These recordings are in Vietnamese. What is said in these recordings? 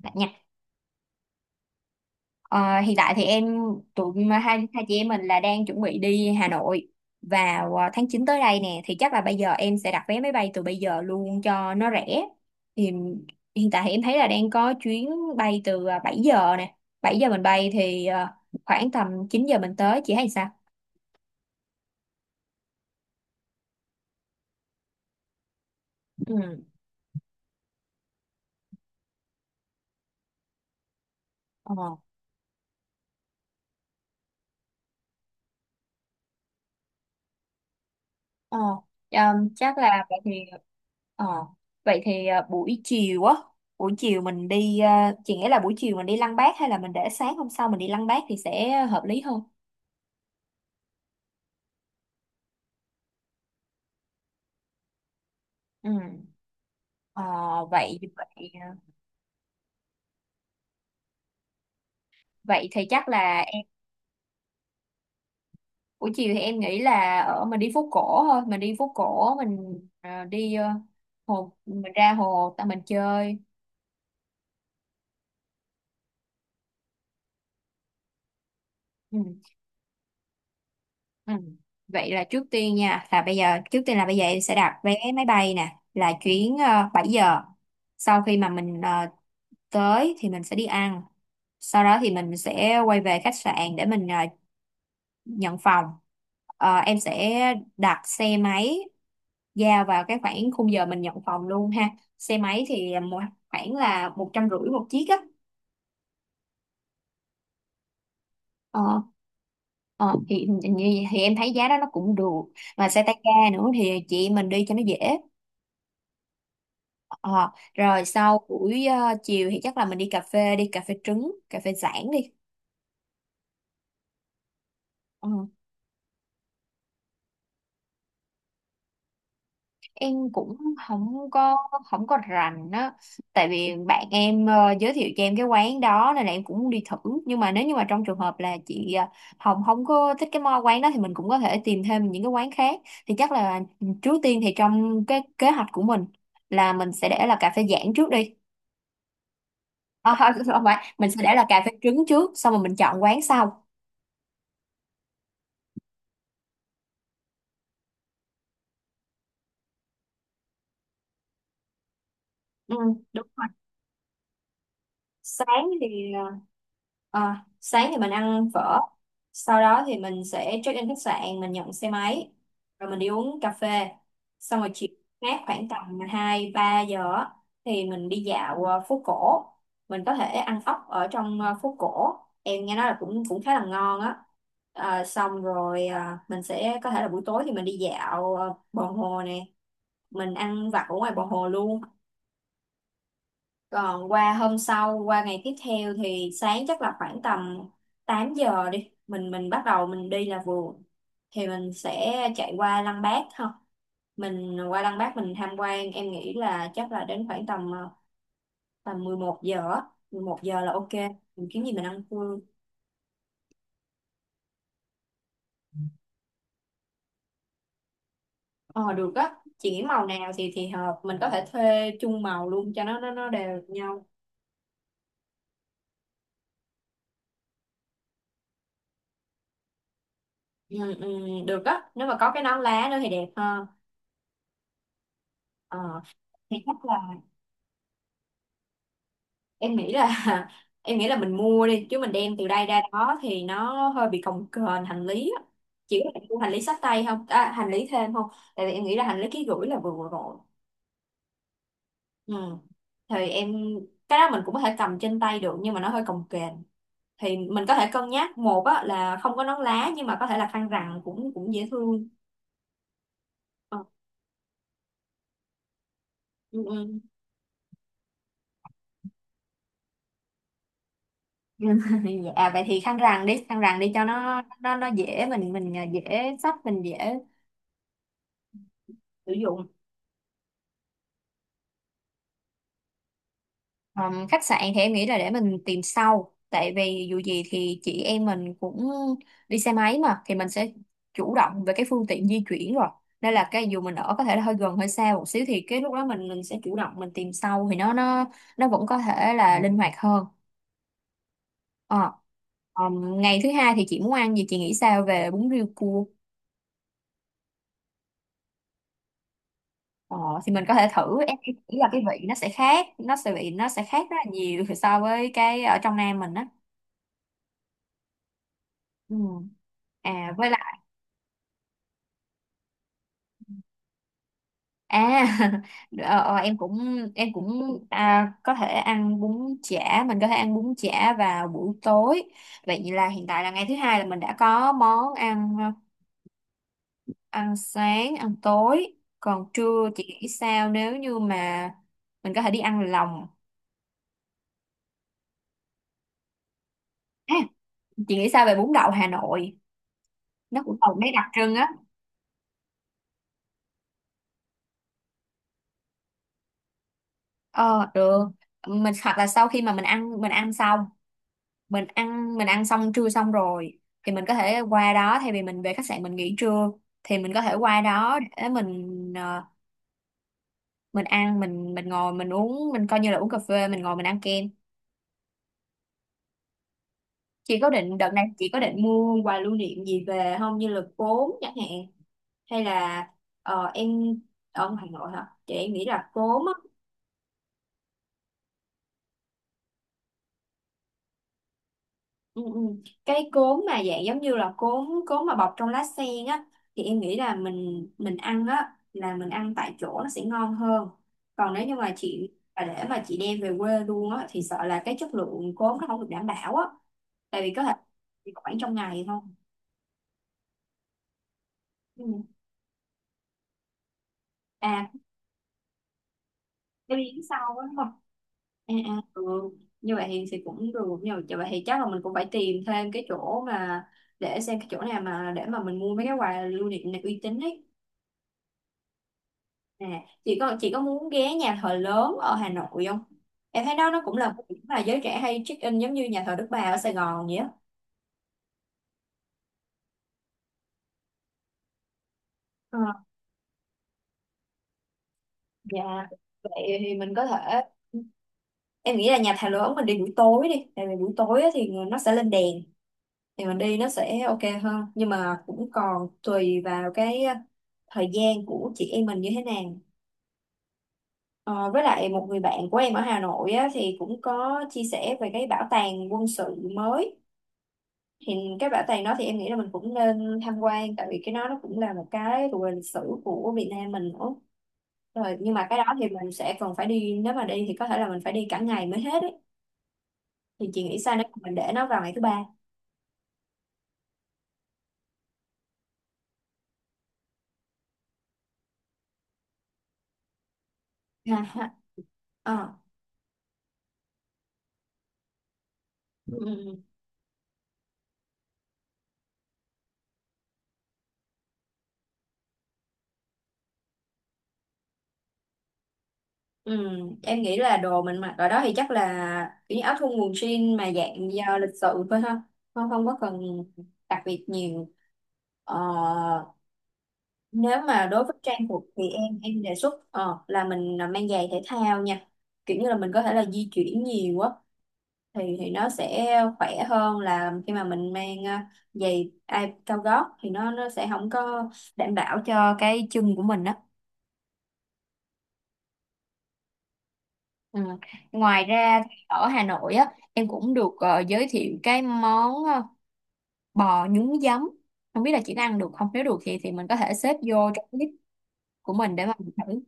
Dạ nha. Ờ, hiện tại thì tụi hai hai chị em mình là đang chuẩn bị đi Hà Nội vào tháng 9 tới đây nè, thì chắc là bây giờ em sẽ đặt vé máy bay từ bây giờ luôn cho nó rẻ. Thì hiện tại thì em thấy là đang có chuyến bay từ 7 giờ nè. 7 giờ mình bay thì khoảng tầm 9 giờ mình tới, chị thấy sao? Ừ. Ờ, chắc là vậy thì ờ, vậy thì à, buổi chiều á buổi chiều mình chị nghĩ là buổi chiều mình đi Lăng Bác hay là mình để sáng hôm sau mình đi Lăng Bác thì sẽ hợp lý hơn. Ừ. Ờ, vậy vậy vậy thì chắc là buổi chiều thì em nghĩ là ở mình đi phố cổ mình à, đi à, hồ, mình ra hồ tại mình chơi. Ừ. Ừ. Vậy là trước tiên nha, là bây giờ em sẽ đặt vé máy bay nè, là chuyến 7 giờ. Sau khi mà mình tới thì mình sẽ đi ăn. Sau đó thì mình sẽ quay về khách sạn để mình nhận phòng. Em sẽ đặt xe máy giao vào cái khoảng khung giờ mình nhận phòng luôn ha. Xe máy thì khoảng là 150 một chiếc á. Ờ, ờ, thì, thì thì em thấy giá đó nó cũng được, mà xe tay ga nữa thì chị em mình đi cho nó dễ. Ờ, Rồi sau buổi chiều thì chắc là mình đi cà phê trứng, cà phê Giảng đi. Ờ, em cũng không có không có rành á, tại vì bạn em giới thiệu cho em cái quán đó nên là em cũng muốn đi thử. Nhưng mà nếu như mà trong trường hợp là chị Hồng không có thích cái quán đó thì mình cũng có thể tìm thêm những cái quán khác, thì chắc là trước tiên thì trong cái kế hoạch của mình là mình sẽ để là cà phê Giảng trước đi. Ờ, không phải, mình sẽ để là cà phê trứng trước xong rồi mình chọn quán sau. Ừ, đúng rồi. sáng thì sáng thì mình ăn phở, sau đó thì mình sẽ check in khách sạn, mình nhận xe máy rồi mình đi uống cà phê, xong rồi chiều khác khoảng tầm 2 3 giờ á, thì mình đi dạo phố cổ, mình có thể ăn ốc ở trong phố cổ, em nghe nói là cũng cũng khá là ngon á. Xong rồi mình sẽ có thể là buổi tối thì mình đi dạo bờ hồ nè, mình ăn vặt ở ngoài bờ hồ luôn. Còn qua hôm sau, qua ngày tiếp theo thì sáng chắc là khoảng tầm 8 giờ đi. Mình bắt đầu mình đi là vừa. Thì mình sẽ chạy qua Lăng Bác ha. Mình qua Lăng Bác mình tham quan, em nghĩ là chắc là đến khoảng tầm ờ, tầm 11 giờ á. 11 giờ là ok. Mình kiếm gì mình ăn trưa. Ờ Được á. Chị nghĩ màu nào thì hợp, mình có thể thuê chung màu luôn cho nó đều nhau. Ừ, ừ, được á. Nếu mà có cái nón lá nữa thì đẹp hơn. Ờ thì chắc là em nghĩ là em nghĩ là mình mua đi, chứ mình đem từ đây ra đó thì nó hơi bị cồng kềnh hành lý á. Chỉ có thể mua hành lý xách tay không hành lý thêm không, tại vì em nghĩ là hành lý ký gửi là vừa vừa rồi. Ừ. Thì cái đó mình cũng có thể cầm trên tay được, nhưng mà nó hơi cồng kềnh thì mình có thể cân nhắc một á, là không có nón lá nhưng mà có thể là khăn rằn, cũng cũng dễ thương. Ờ, ừ, ừ. Dạ vậy thì khăn rằn đi, khăn rằn đi cho nó dễ, mình dễ sử dụng. Khách sạn thì em nghĩ là để mình tìm sau, tại vì dù gì thì chị em mình cũng đi xe máy mà, thì mình sẽ chủ động về cái phương tiện di chuyển rồi, nên là cái dù mình ở có thể là hơi gần hơi xa một xíu thì cái lúc đó mình sẽ chủ động mình tìm sau, thì nó vẫn có thể là linh hoạt hơn. Ờ. Ngày thứ hai thì chị muốn ăn gì, chị nghĩ sao về bún riêu cua? ờ, thì mình có thể thử, em nghĩ là cái vị nó sẽ khác, nó sẽ khác rất là nhiều so với cái ở trong Nam mình á. Ừ. À với. À, ờ, ờ, em cũng em cũng có thể ăn bún chả, vào buổi tối. Vậy là hiện tại là ngày thứ hai là mình đã có món ăn ăn sáng, ăn tối. Còn trưa chị nghĩ sao nếu như mà mình có thể đi ăn lòng. À, chị nghĩ sao về bún đậu Hà Nội? Nó cũng còn mấy đặc trưng á. Ờ Được. Mình hoặc là sau khi mà mình ăn xong trưa, xong rồi thì mình có thể qua đó thay vì mình về khách sạn mình nghỉ trưa, thì mình có thể qua đó để mình mình ăn mình ngồi mình uống, mình coi như là uống cà phê, mình ngồi mình ăn kem. Chị có định mua quà lưu niệm gì về không, như là cốm chẳng hạn, hay là em ở ngoài Hà Nội hả chị, em nghĩ là cốm á. Ừ, ừ. Cái cốm mà dạng giống như là cốm cốm mà bọc trong lá sen á, thì em nghĩ là mình ăn á, là mình ăn tại chỗ nó sẽ ngon hơn. Còn nếu như mà chị mà để mà chị đem về quê luôn á thì sợ là cái chất lượng cốm nó không được đảm bảo á, tại vì có thể chỉ khoảng trong ngày thôi. Ừ. à cái miếng sau á đúng không? Ừ. Như vậy thì cũng được, nhưng mà như vậy thì chắc là mình cũng phải tìm thêm cái chỗ mà để xem cái chỗ nào mà để mà mình mua mấy cái quà lưu niệm này uy tín ấy. À, chị có muốn ghé nhà thờ lớn ở Hà Nội không? Em thấy đó nó cũng là một điểm mà giới trẻ hay check in, giống như nhà thờ Đức Bà ở Sài Gòn vậy á. Ờ, dạ vậy thì mình có thể. Em nghĩ là nhà thờ lớn mình đi buổi tối đi, tại vì buổi tối á thì nó sẽ lên đèn, thì mình đi nó sẽ ok hơn, nhưng mà cũng còn tùy vào cái thời gian của chị em mình như thế nào. Ờ, với lại một người bạn của em ở Hà Nội á, thì cũng có chia sẻ về cái bảo tàng quân sự mới, thì cái bảo tàng đó thì em nghĩ là mình cũng nên tham quan tại vì cái đó nó cũng là một cái thuộc về lịch sử của Việt Nam mình nữa, rồi nhưng mà cái đó thì mình sẽ còn phải đi, nếu mà đi thì có thể là mình phải đi cả ngày mới hết ấy. Thì chị nghĩ sao nếu mà mình để nó vào ngày thứ ba? Ha ha. Ờ. Ừ. Ừ. Em nghĩ là đồ mình mặc ở đó thì chắc là kiểu như áo thun quần jean mà dạng do lịch sự thôi ha, không không có cần đặc biệt nhiều. Ờ, Nếu mà đối với trang phục thì em đề xuất là mình mang giày thể thao nha, kiểu như là mình có thể là di chuyển nhiều á, thì nó sẽ khỏe hơn là khi mà mình mang giày ai cao gót, thì nó sẽ không có đảm bảo cho cái chân của mình đó. Ừ. Ngoài ra thì ở Hà Nội á, em cũng được giới thiệu cái món bò nhúng giấm, không biết là chị đã ăn được không, nếu được thì mình có thể xếp vô trong list của mình để mà mình thử.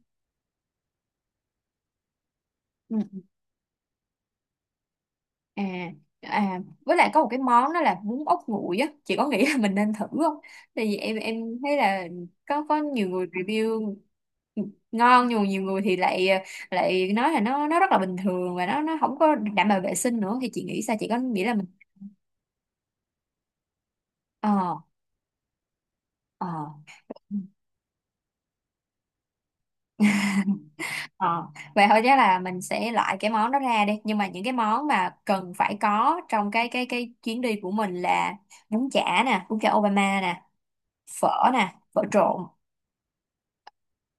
À, à với lại có một cái món đó là bún ốc nguội á, chị có nghĩ là mình nên thử không, tại vì em thấy là có nhiều người review ngon, nhưng mà nhiều người thì lại lại nói là nó rất là bình thường và nó không có đảm bảo vệ sinh nữa, thì chị nghĩ sao, chị có nghĩ là mình… ờ ờ ờ Vậy thôi chắc là mình sẽ loại cái món đó ra đi, nhưng mà những cái món mà cần phải có trong cái chuyến đi của mình là bún chả nè, bún chả Obama nè, phở nè, phở trộn.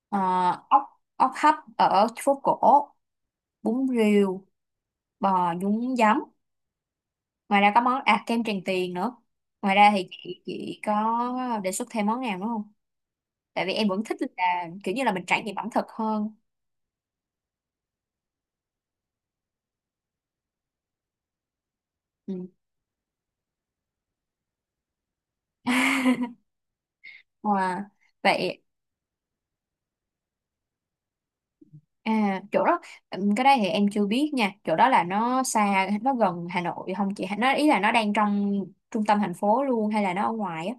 Ờ, ốc ốc hấp ở phố cổ, bún riêu, bò nhúng giấm, ngoài ra có món kem Tràng Tiền nữa. Ngoài ra thì chị có đề xuất thêm món nào nữa không, tại vì em vẫn thích là kiểu như là mình trải nghiệm ẩm thực hơn. Ừ. Wow. Vậy chỗ đó. Cái đấy thì em chưa biết nha, chỗ đó là nó xa nó gần Hà Nội không chị, nó ý là nó đang trong trung tâm thành phố luôn hay là nó ở ngoài á?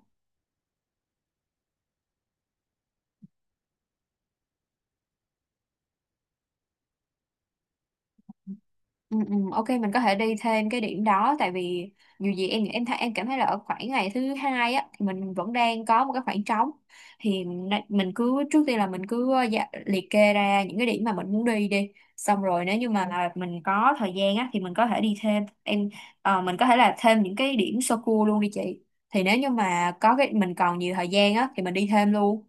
Ừ, ừ, ok mình có thể đi thêm cái điểm đó, tại vì dù gì em thấy em cảm thấy là ở khoảng ngày thứ hai á thì mình vẫn đang có một cái khoảng trống, thì mình cứ trước tiên là mình cứ dạ, liệt kê ra những cái điểm mà mình muốn đi đi, xong rồi nếu như mà là mình có thời gian á thì mình có thể đi thêm mình có thể là thêm những cái điểm sơ cua luôn đi chị, thì nếu như mà có cái mình còn nhiều thời gian á thì mình đi thêm luôn.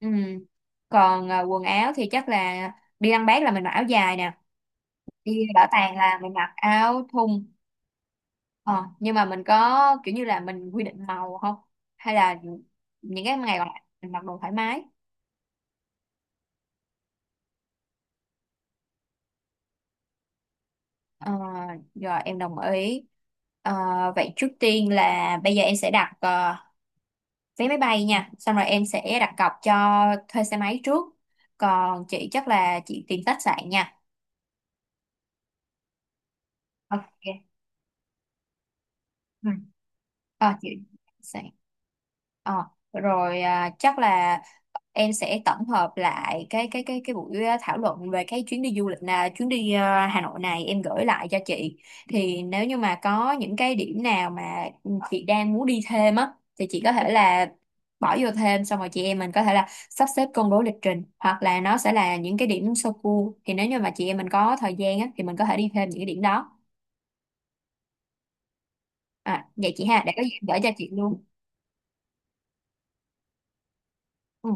Ừ. Còn quần áo thì chắc là đi ăn bát là mình mặc áo dài nè, đi bảo tàng là mình mặc áo thun. Ờ, nhưng mà mình có kiểu như là mình quy định màu không, hay là những cái ngày còn lại mình mặc đồ thoải mái. Ờ, Rồi em đồng ý. Ờ, Vậy trước tiên là bây giờ em sẽ đặt vé máy bay nha, xong rồi em sẽ đặt cọc cho thuê xe máy trước, còn chị chắc là chị tìm khách sạn nha. Ok. Ừ. Ờ, chị Ờ, Rồi chắc là em sẽ tổng hợp lại cái buổi thảo luận về cái chuyến đi du lịch, là chuyến đi Hà Nội này em gửi lại cho chị, thì nếu như mà có những cái điểm nào mà chị đang muốn đi thêm á thì chị có thể là bỏ vô thêm, xong rồi chị em mình có thể là sắp xếp công bố lịch trình, hoặc là nó sẽ là những cái điểm sơ cua thì nếu như mà chị em mình có thời gian á thì mình có thể đi thêm những cái điểm đó. À, vậy chị ha, để có gì em gửi cho chị luôn. Ừ.